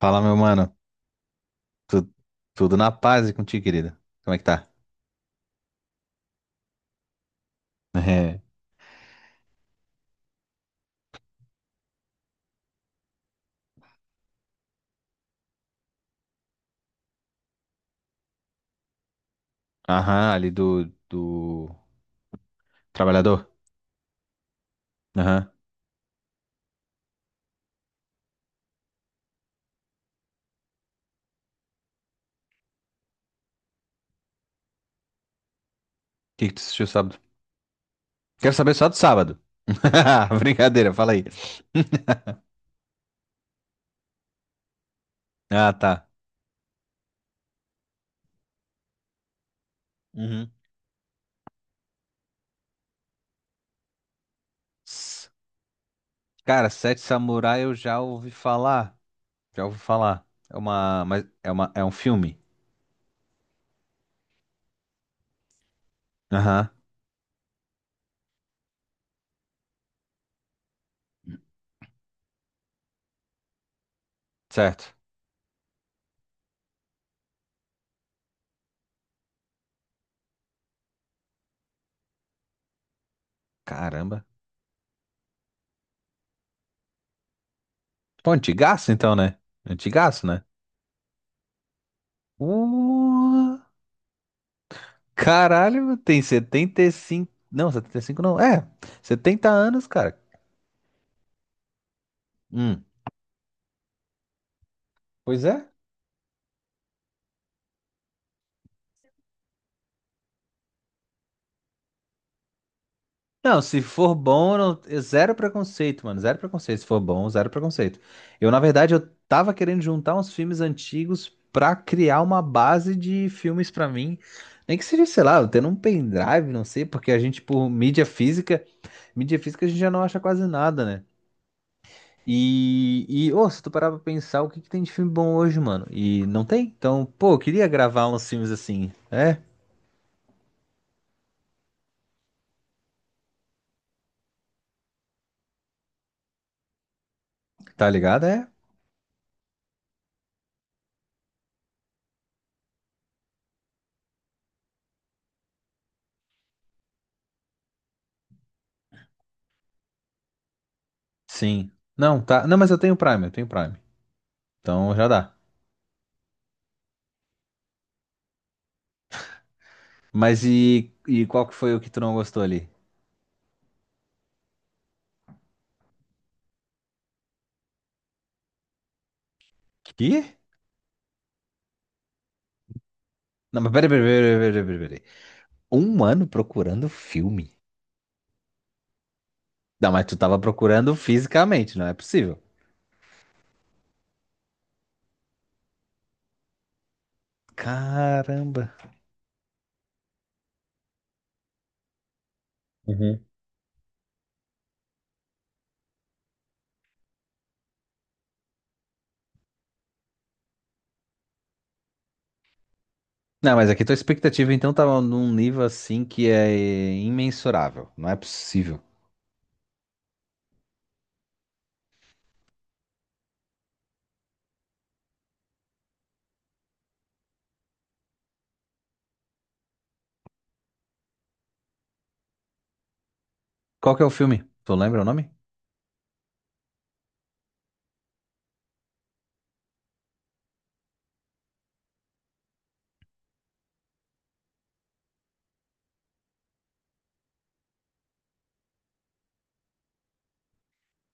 Fala, meu mano. Tu- Tudo na paz e contigo, querida. Como é que tá? É. Aham, ali do trabalhador. Aham. O que que tu assistiu sábado? Quero saber só do sábado. Brincadeira, fala aí. Ah, tá. Uhum. S- Cara, Sete Samurai eu já ouvi falar. Já ouvi falar. É uma, mas é uma, é um filme. Aham, certo. Caramba. Pô, antigaço então, né? Antigaço, né? Uh. Caralho, tem 75? Não, 75 não. É, 70 anos, cara. Hum. Pois é. Não, se for bom, é zero preconceito, mano. Zero preconceito. Se for bom, zero preconceito. Eu, na verdade, eu tava querendo juntar uns filmes antigos pra criar uma base de filmes pra mim. Nem que seja, sei lá, eu tendo um pendrive, não sei, porque a gente, por mídia física a gente já não acha quase nada, né? E ô, se tu parar pra pensar, o que que tem de filme bom hoje, mano? E não tem? Então, pô, eu queria gravar uns filmes assim. É, tá ligado? É? Sim. Não, tá. Não, mas eu tenho Prime, eu tenho Prime. Então já dá. Mas e qual que foi o que tu não gostou ali? Que? Não, mas peraí, peraí, peraí, peraí, peraí, peraí. Um ano procurando filme. Não, mas tu tava procurando fisicamente, não é possível. Caramba. Uhum. Não, mas aqui tua expectativa então tava num nível assim que é imensurável. Não é possível. Qual que é o filme? Tu lembra o nome?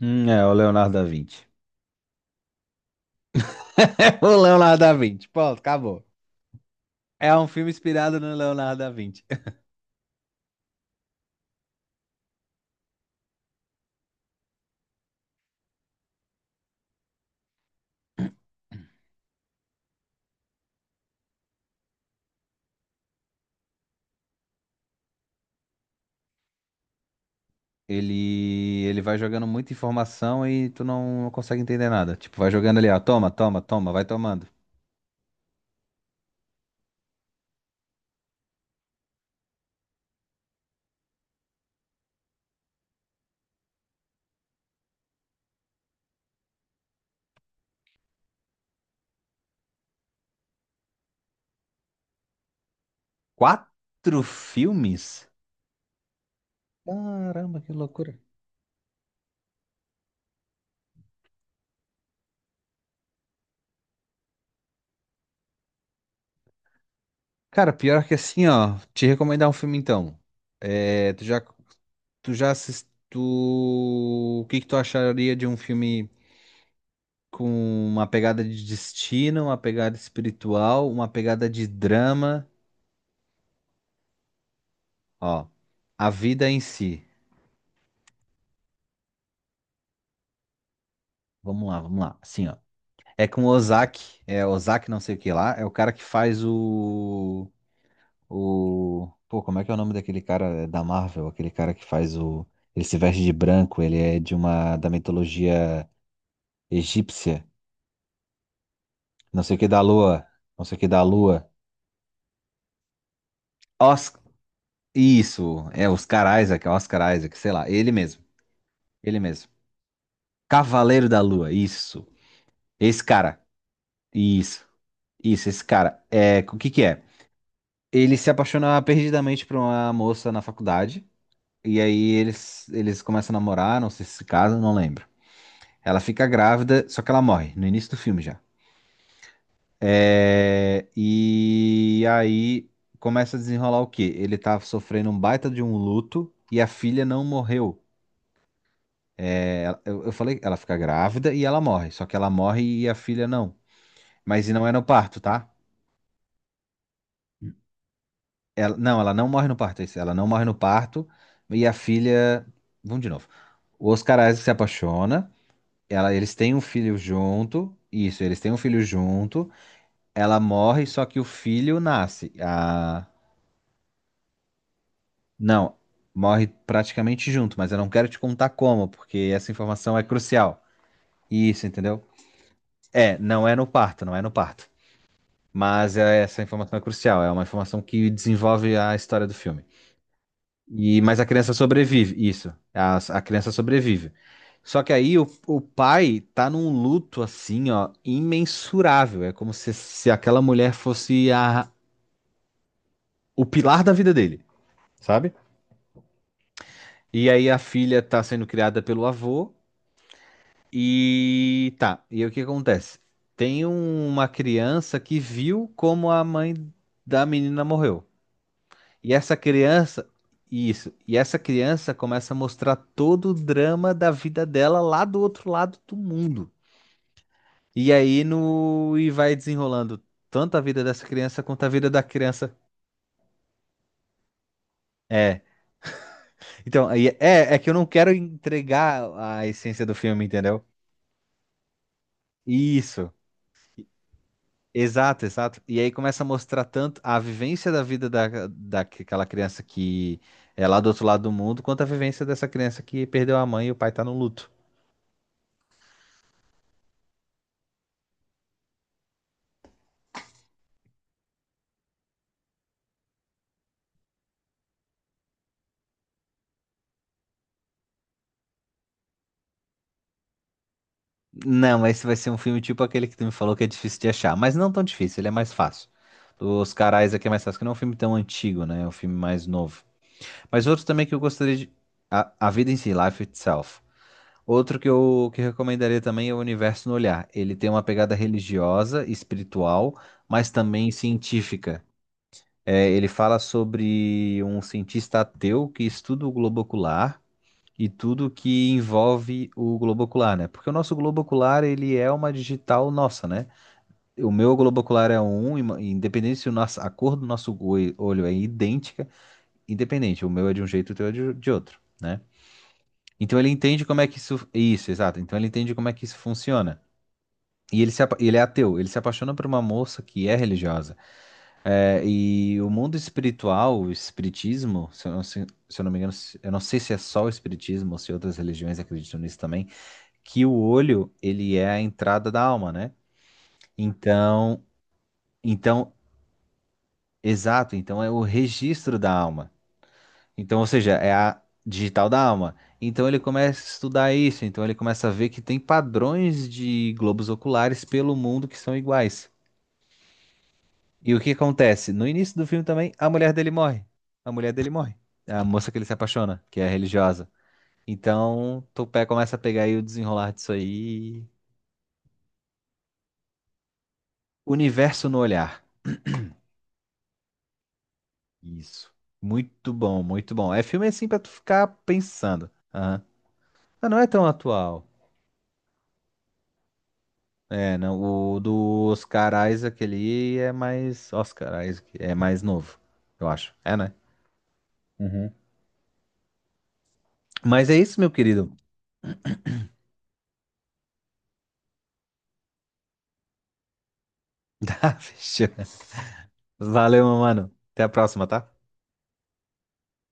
É o Leonardo da Vinci. É o Leonardo da Vinci. Pronto, acabou. É um filme inspirado no Leonardo da Vinci. Ele vai jogando muita informação e tu não consegue entender nada. Tipo, vai jogando ali, ó, toma, toma, toma, vai tomando. Quatro filmes? Caramba, que loucura. Cara, pior que assim, ó, te recomendar um filme então. É, tu já assistiu. O que que tu acharia de um filme? Com uma pegada de destino, uma pegada espiritual, uma pegada de drama. Ó, a vida em si. Vamos lá, vamos lá. Assim, ó. É com o Ozaki, é Ozaki não sei o que lá, é o cara que faz o. Pô, como é que é o nome daquele cara é, da Marvel? Aquele cara que faz o... Ele se veste de branco, ele é da mitologia egípcia. Não sei o que da lua, não sei o que da lua. Os... Isso, é Oscar Isaac, Oscar Isaac, sei lá, ele mesmo, ele mesmo. Cavaleiro da Lua, isso. Esse cara, isso, isso, esse cara. É, o que que é? Ele se apaixona perdidamente por uma moça na faculdade, e aí eles começam a namorar, não sei se se casam, não lembro. Ela fica grávida, só que ela morre, no início do filme já. É, e aí começa a desenrolar o quê? Ele tá sofrendo um baita de um luto, e a filha não morreu. É, eu falei, ela fica grávida e ela morre, só que ela morre e a filha não. Mas e não é no parto, tá? Ela não morre no parto, é isso. Ela não morre no parto. E a filha. Vamos de novo. O Oscar Isaac se apaixona. Ela, eles têm um filho junto. Isso, eles têm um filho junto. Ela morre, só que o filho nasce. A... Não, morre praticamente junto, mas eu não quero te contar como, porque essa informação é crucial. Isso, entendeu? É, não é no parto, não é no parto. Mas essa informação é crucial. É uma informação que desenvolve a história do filme. E, mas a criança sobrevive, isso. A criança sobrevive. Só que aí o pai tá num luto assim, ó, imensurável. É como se aquela mulher fosse o pilar da vida dele, sabe? E aí a filha tá sendo criada pelo avô e tá. E aí o que acontece? Tem uma criança que viu como a mãe da menina morreu. E essa criança, isso, e essa criança começa a mostrar todo o drama da vida dela lá do outro lado do mundo. E aí no e vai desenrolando tanto a vida dessa criança quanto a vida da criança. É. Então, é que eu não quero entregar a essência do filme, entendeu? Isso. Exato, exato. E aí começa a mostrar tanto a vivência da vida daquela criança que é lá do outro lado do mundo, quanto a vivência dessa criança que perdeu a mãe e o pai tá no luto. Não, mas esse vai ser um filme tipo aquele que tu me falou que é difícil de achar. Mas não tão difícil, ele é mais fácil. Os Carais aqui é mais fácil, que não é um filme tão antigo, né? É um filme mais novo. Mas outro também que eu gostaria de. A Vida em Si, Life Itself. Outro que eu que recomendaria também é O Universo no Olhar. Ele tem uma pegada religiosa, espiritual, mas também científica. É, ele fala sobre um cientista ateu que estuda o globo ocular e tudo que envolve o globo ocular, né? Porque o nosso globo ocular, ele é uma digital nossa, né? O meu globo ocular é independente se o nosso, a cor do nosso olho é idêntica, independente, o meu é de um jeito, o teu é de outro, né? Então ele entende como é que isso, exato. Então ele entende como é que isso funciona. E ele, se, apa- ele é ateu, ele se apaixona por uma moça que é religiosa. É, e o mundo espiritual, o espiritismo, se eu não me engano, eu não sei se é só o espiritismo ou se outras religiões acreditam nisso também, que o olho, ele é a entrada da alma, né? Então, então, exato, então é o registro da alma. Então, ou seja, é a digital da alma. Então ele começa a estudar isso, então ele começa a ver que tem padrões de globos oculares pelo mundo que são iguais. E o que acontece? No início do filme também, a mulher dele morre. A mulher dele morre. A moça que ele se apaixona, que é religiosa. Então, Topé começa a pegar aí o desenrolar disso aí. Universo no olhar. Isso. Muito bom, muito bom. É filme assim pra tu ficar pensando. Aham. Ah, não é tão atual. É, não, o do Oscar Isaac ali é mais. Oscar Isaac é mais novo, eu acho. É, né? Uhum. Mas é isso, meu querido. Tá, fechou. Valeu, meu mano. Até a próxima, tá?